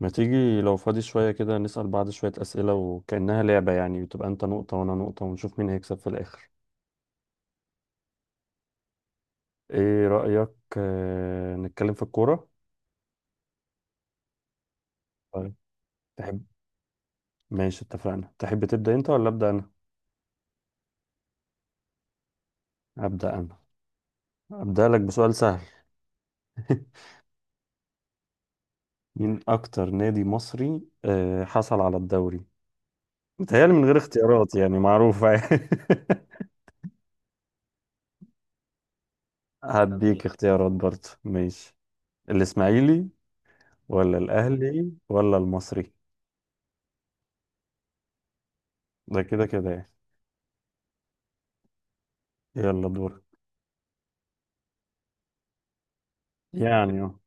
ما تيجي لو فاضي شوية كده نسأل بعض شوية أسئلة وكأنها لعبة؟ يعني بتبقى أنت نقطة وأنا نقطة ونشوف مين هيكسب في الآخر. إيه رأيك؟ آه، نتكلم في الكورة. طيب. تحب. ماشي، اتفقنا. تحب تبدأ أنت ولا أبدأ أنا؟ أبدأ أنا. أبدأ لك بسؤال سهل. مين أكتر نادي مصري حصل على الدوري؟ متهيألي من غير اختيارات، يعني معروفة. أديك اختيارات برضه. ماشي. الإسماعيلي، ولا الأهلي ولا المصري؟ ده كده كده يعني. يلا دورك. يعني اه.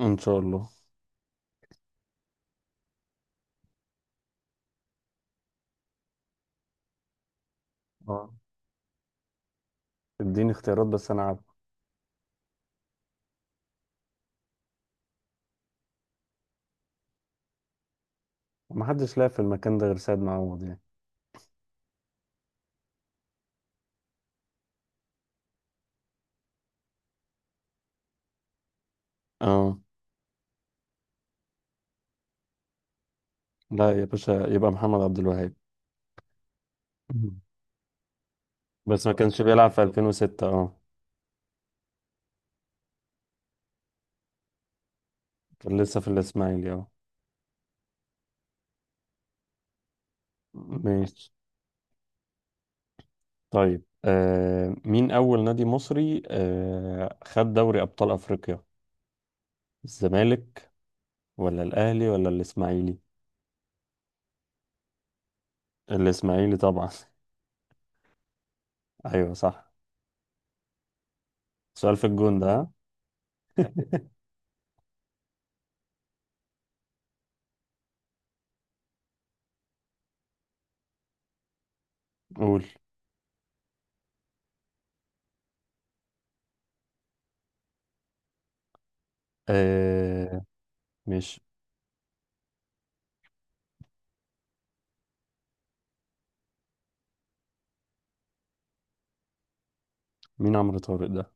ان شاء الله. اه. اديني اختيارات بس انا عارف. ما حدش لاقي في المكان ده غير سيد معوض يعني. اه. لا يا باشا، يبقى محمد عبد الوهاب. مم. بس ما كانش بيلعب في 2006 اه. كان لسه في الاسماعيلي اه. ماشي. طيب، مين اول نادي مصري خد دوري ابطال افريقيا؟ الزمالك، ولا الاهلي ولا الاسماعيلي؟ الاسماعيلي طبعا. ايوه صح. سؤال في الجون ده، ها؟ قول. آه، ماشي. مين عمرو طارق ده؟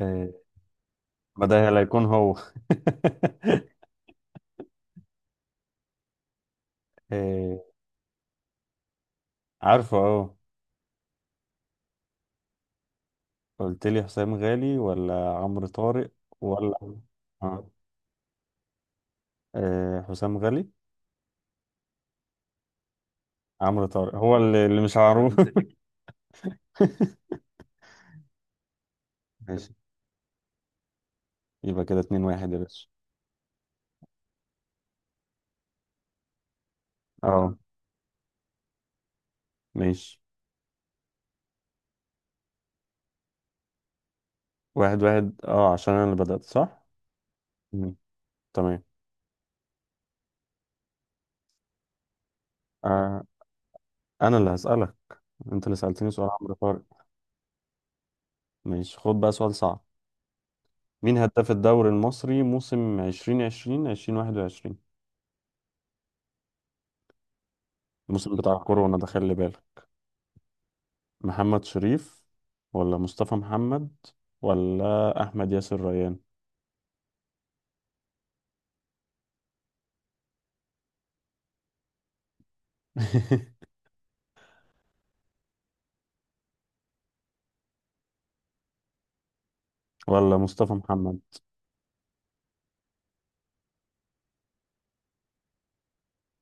آه. ما ده لا يكون هو. آه. عارفه اه. قلت لي حسام غالي ولا عمرو طارق ولا. آه. آه، حسام غالي. عمرو طارق هو اللي مش عارف. ماشي. يبقى كده 2-1 يا باشا. اه، ماشي. 1-1، اه عشان انا اللي بدأت صح؟ مم. تمام. آه، انا اللي هسألك. انت اللي سألتني سؤال عمرو طارق. ماشي، خد بقى سؤال صعب. مين هداف الدوري المصري موسم 2020 2021؟ الموسم بتاع كورونا ده، خلي بالك. محمد شريف، ولا مصطفى محمد ولا أحمد ياسر ريان؟ ولا مصطفى محمد.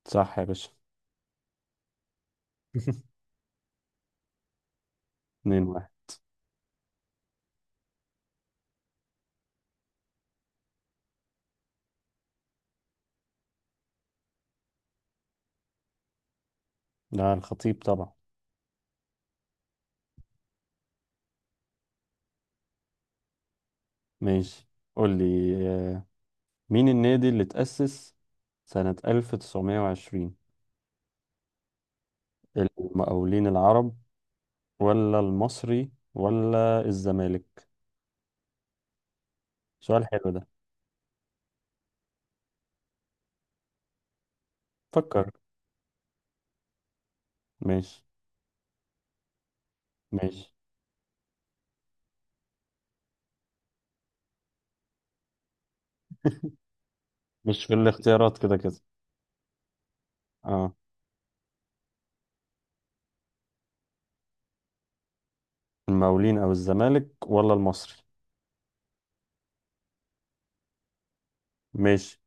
صح يا باشا. 2-1. لا، الخطيب طبعا. ماشي. قول لي، مين النادي اللي تأسس سنة 1920؟ المقاولين العرب، ولا المصري ولا الزمالك؟ سؤال حلو ده. فكر. ماشي. ماشي، مش في الاختيارات كده كده. اه. المقاولين او الزمالك ولا المصري؟ ماشي.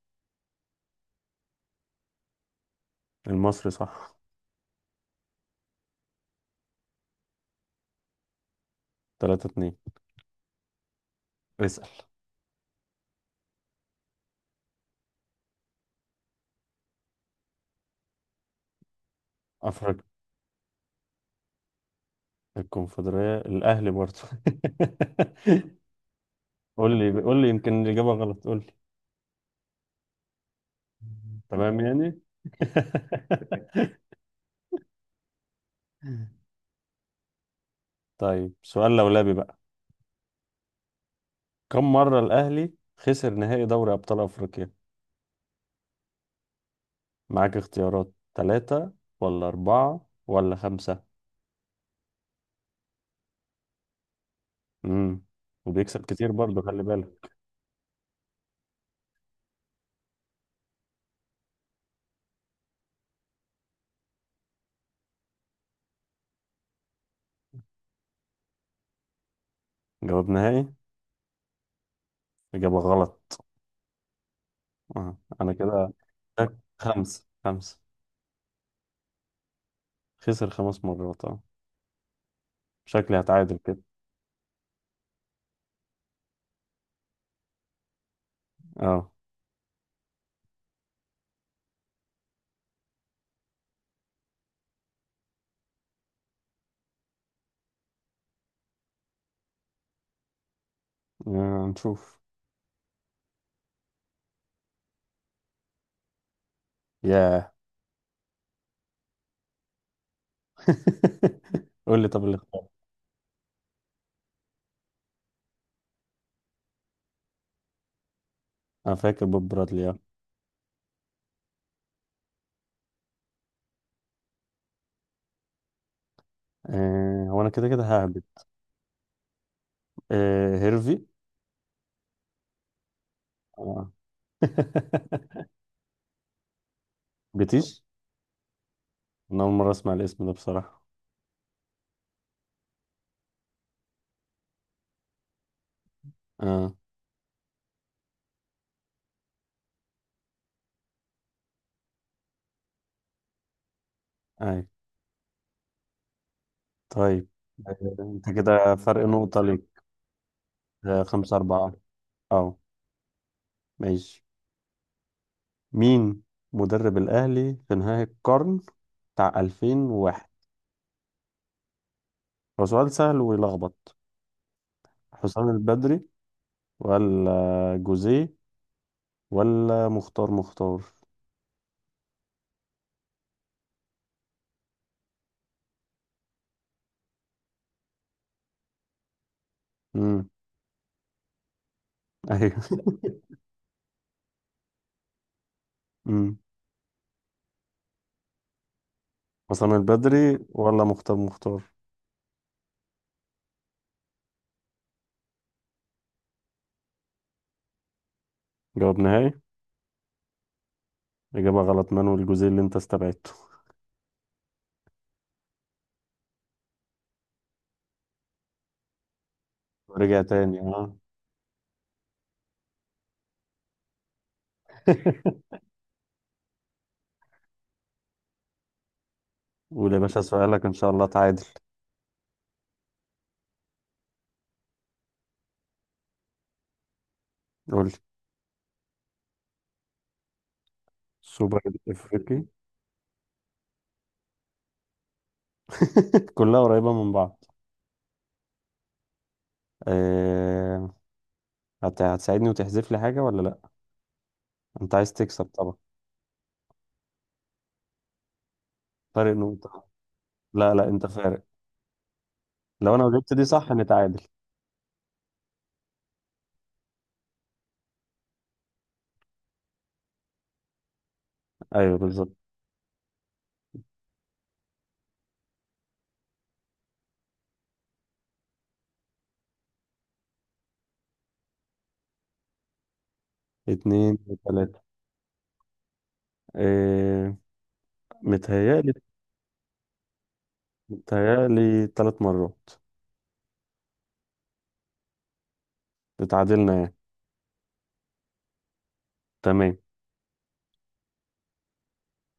المصري صح. 3-2. اسأل. افريقيا. الكونفدرالية، الاهلي برضه. قول لي قول لي، يمكن الاجابة غلط، قول لي. تمام يعني. طيب سؤال لولبي بقى. كم مرة الاهلي خسر نهائي دوري ابطال افريقيا؟ معاك اختيارات، ثلاثة ولا أربعة ولا خمسة؟ امم. وبيكسب كتير برضه، خلي بالك. جواب نهائي. إجابة غلط. آه. أنا كده. خمسة خمسة. خسر 5 مرات اه. شكلي هتعادل كده. اه. آه، نشوف. ياه. قول لي، طب الاختيار. انا فاكر بوب برادلي اه. هو انا كده كده ههبد. هيرفي. اه. بتيش. انا اول مرة اسمع الاسم ده بصراحة. اه. اي. طيب. آه، انت كده فرق نقطة ليك. آه، 5-4. اه. ماشي. مين مدرب الأهلي في نهاية القرن بتاع 2001؟ هو سؤال سهل ويلخبط. حسام البدري، ولا جوزيه ولا مختار مختار؟ امم. ايوه. امم. حسام البدري ولا مختار مختار؟ جواب نهائي. إجابة غلط، مانويل جوزيه اللي أنت استبعدته. ورجع تاني اه. قول يا باشا سؤالك، إن شاء الله تعادل. قول لي. سوبر. أفريقي. كلها قريبة من بعض. أه... هتساعدني وتحذف لي حاجة ولا لأ؟ أنت عايز تكسب طبعا. فارق نقطة. لا لا، أنت فارق. لو أنا جبت دي صح نتعادل. أيوه بالظبط. اتنين وتلاتة. اه. متهيألي متهيألي 3 مرات. اتعادلنا يعني. تمام.